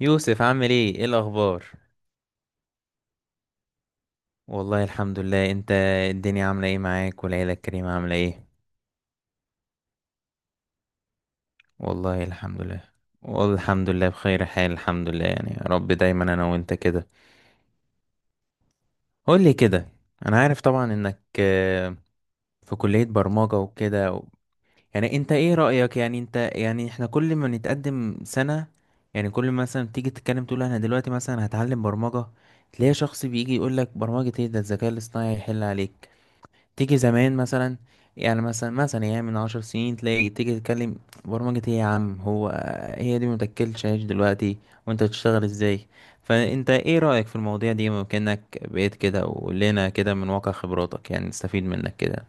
يوسف، عامل ايه الاخبار؟ والله الحمد لله. انت الدنيا عامله ايه معاك؟ والعيله الكريمه عامله ايه؟ والله الحمد لله، والحمد لله بخير حال، الحمد لله، يعني يا رب دايما انا وانت كده. قول لي كده، انا عارف طبعا انك في كليه برمجه وكده يعني انت ايه رايك؟ يعني انت يعني احنا كل ما نتقدم سنه، يعني كل ما مثلا تيجي تتكلم تقول: انا دلوقتي مثلا هتعلم برمجه، تلاقي شخص بيجي يقول لك: برمجه ايه؟ ده الذكاء الاصطناعي هيحل عليك. تيجي زمان مثلا، يعني مثلا يعني من 10 سنين تلاقي تيجي تتكلم: برمجة ايه يا عم؟ هو هي دي متاكلش عيش دلوقتي، وانت تشتغل ازاي؟ فانت ايه رأيك في المواضيع دي؟ ممكنك بقيت كده، وقلنا كده من واقع خبراتك، يعني نستفيد منك كده.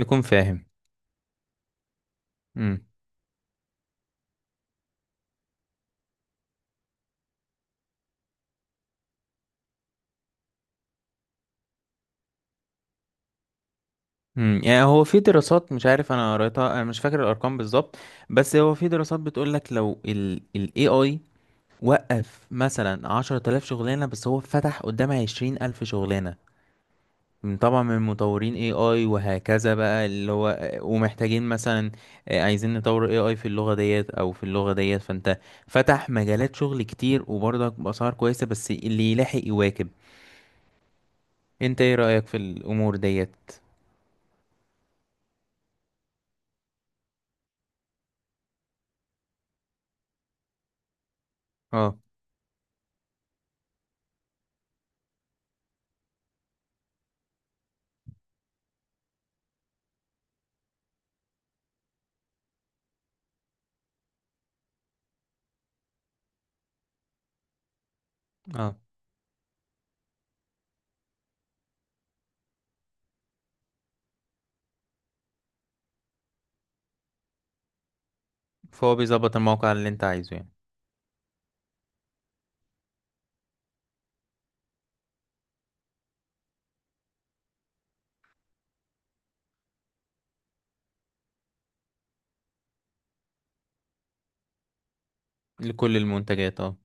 يكون فاهم. امم يعني هو في دراسات، مش عارف انا قريتها، انا مش فاكر الارقام بالظبط، بس هو في دراسات بتقول لك لو ال AI وقف مثلا 10 آلاف شغلانة، بس هو فتح قدامها 20 ألف شغلانة. طبعا من مطورين اي اي وهكذا بقى، اللي هو ومحتاجين مثلا عايزين نطور اي اي في اللغة ديت او في اللغة ديت، فانت فتح مجالات شغل كتير وبرضك بأسعار كويسة، بس اللي يلاحق يواكب. انت ايه رأيك في الامور ديت؟ اه، اه. فهو بيظبط الموقع اللي انت عايزه يعني. لكل المنتجات، اه.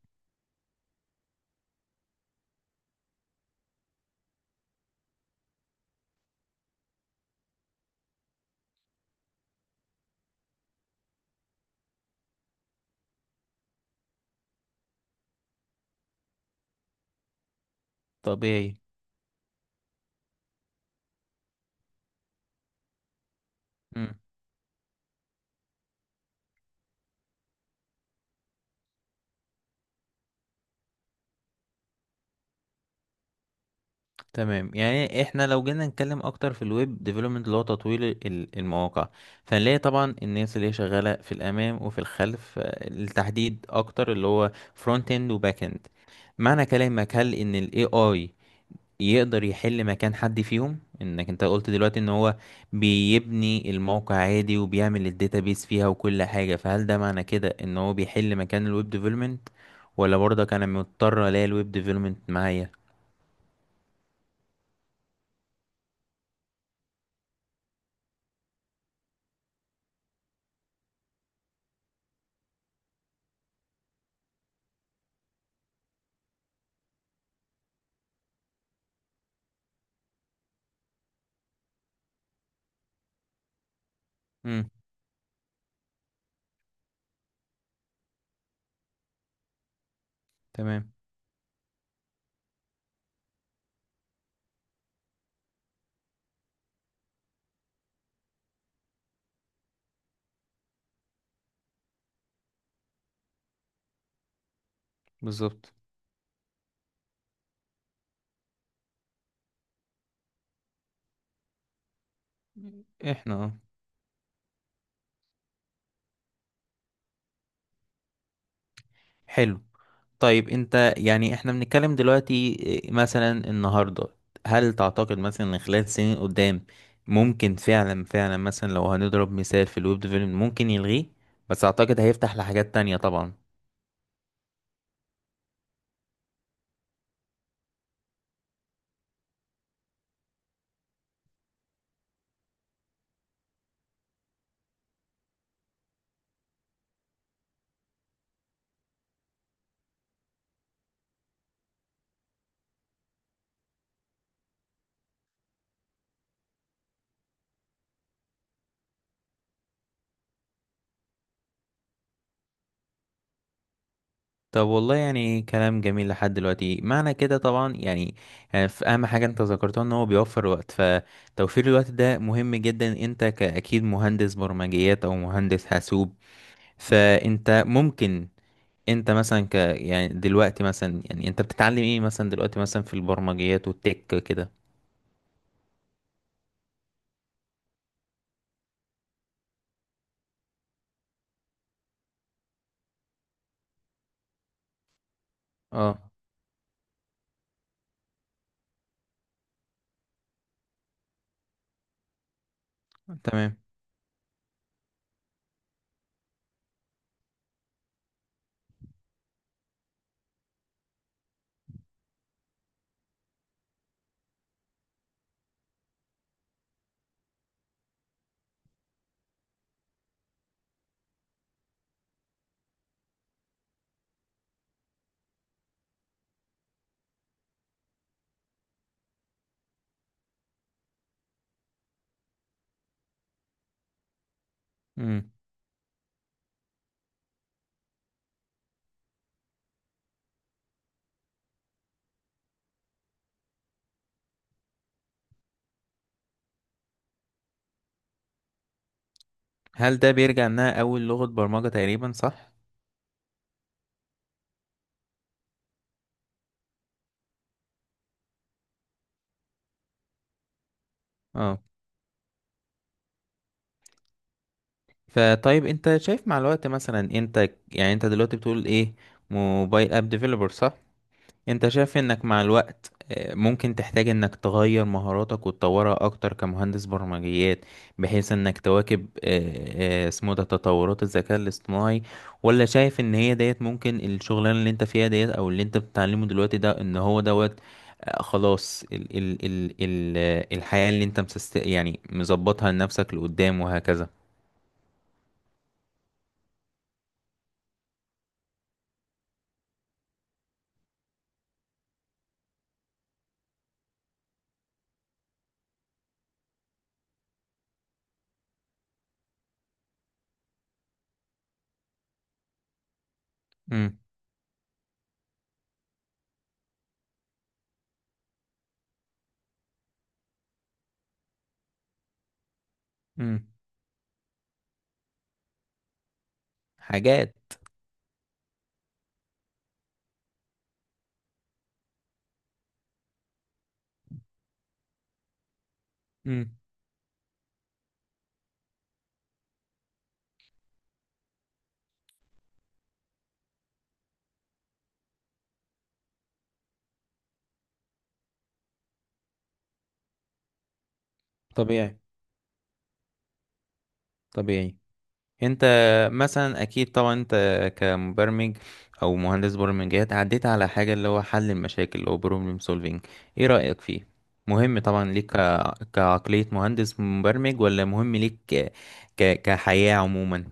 طبيعي. تمام، يعني احنا لو جينا نتكلم اكتر في الويب ديفلوبمنت اللي هو تطوير المواقع، فنلاقي طبعا الناس اللي هي شغاله في الامام وفي الخلف، التحديد اكتر اللي هو فرونت اند وباك اند. معنى كلامك هل ان الاي اي يقدر يحل مكان حد فيهم؟ انك انت قلت دلوقتي ان هو بيبني الموقع عادي وبيعمل الداتابيس فيها وكل حاجه، فهل ده معنى كده ان هو بيحل مكان الويب ديفلوبمنت؟ ولا برضك انا مضطر الاقي الويب ديفلوبمنت معايا؟ امم. تمام. بالظبط. احنا، آه. حلو. طيب، انت يعني احنا بنتكلم دلوقتي مثلا النهارده، هل تعتقد مثلا ان خلال سنين قدام ممكن فعلا فعلا مثلا لو هنضرب مثال في الويب ديفلوبمنت ممكن يلغيه؟ بس اعتقد هيفتح لحاجات تانية طبعا. طب والله، يعني كلام جميل لحد دلوقتي، معنى كده طبعا يعني، في اهم حاجة انت ذكرتها ان هو بيوفر وقت، فتوفير الوقت ده مهم جدا. انت كأكيد مهندس برمجيات او مهندس حاسوب، فانت ممكن انت مثلا ك يعني دلوقتي مثلا يعني انت بتتعلم ايه مثلا دلوقتي مثلا في البرمجيات والتك كده؟ اه. تمام. امم. هل ده بيرجع انها اول لغة برمجة تقريبا؟ صح. اه. فطيب، انت شايف مع الوقت مثلا، انت يعني انت دلوقتي بتقول ايه، موبايل اب ديفلوبر، صح؟ انت شايف انك مع الوقت ممكن تحتاج انك تغير مهاراتك وتطورها اكتر كمهندس برمجيات، بحيث انك تواكب اسمه ده تطورات الذكاء الاصطناعي؟ ولا شايف ان هي ديت ممكن الشغلانة اللي انت فيها ديت او اللي انت بتتعلمه دلوقتي ده ان هو دوت خلاص ال ال ال ال آه، الحياة اللي انت مسست يعني مظبطها لنفسك لقدام وهكذا؟ امم. امم. حاجات. امم. طبيعي. طبيعي. انت مثلا اكيد طبعا انت كمبرمج او مهندس برمجيات عديت على حاجة اللي هو حل المشاكل او بروبلم سولفينج. ايه رأيك فيه؟ مهم طبعا ليك كعقلية مهندس مبرمج؟ ولا مهم ليك كحياة عموما؟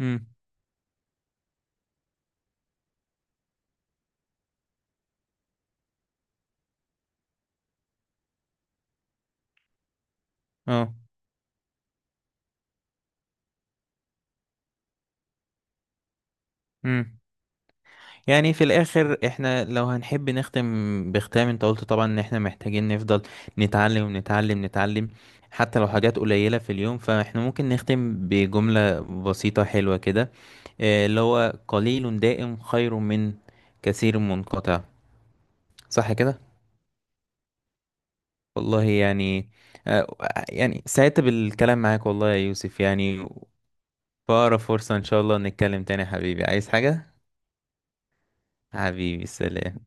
امم. اه. امم. يعني في الاخر احنا لو هنحب نختم بختام، انت قلت طبعا ان احنا محتاجين نفضل نتعلم نتعلم نتعلم، حتى لو حاجات قليلة في اليوم، فاحنا ممكن نختم بجملة بسيطة حلوة كده، اللي هو قليل دائم خير من كثير منقطع، صح كده؟ والله يعني آه، يعني سعدت بالكلام معاك والله يا يوسف يعني. في أقرب فرصة إن شاء الله نتكلم تاني يا حبيبي. عايز حاجة؟ حبيبي، سلام.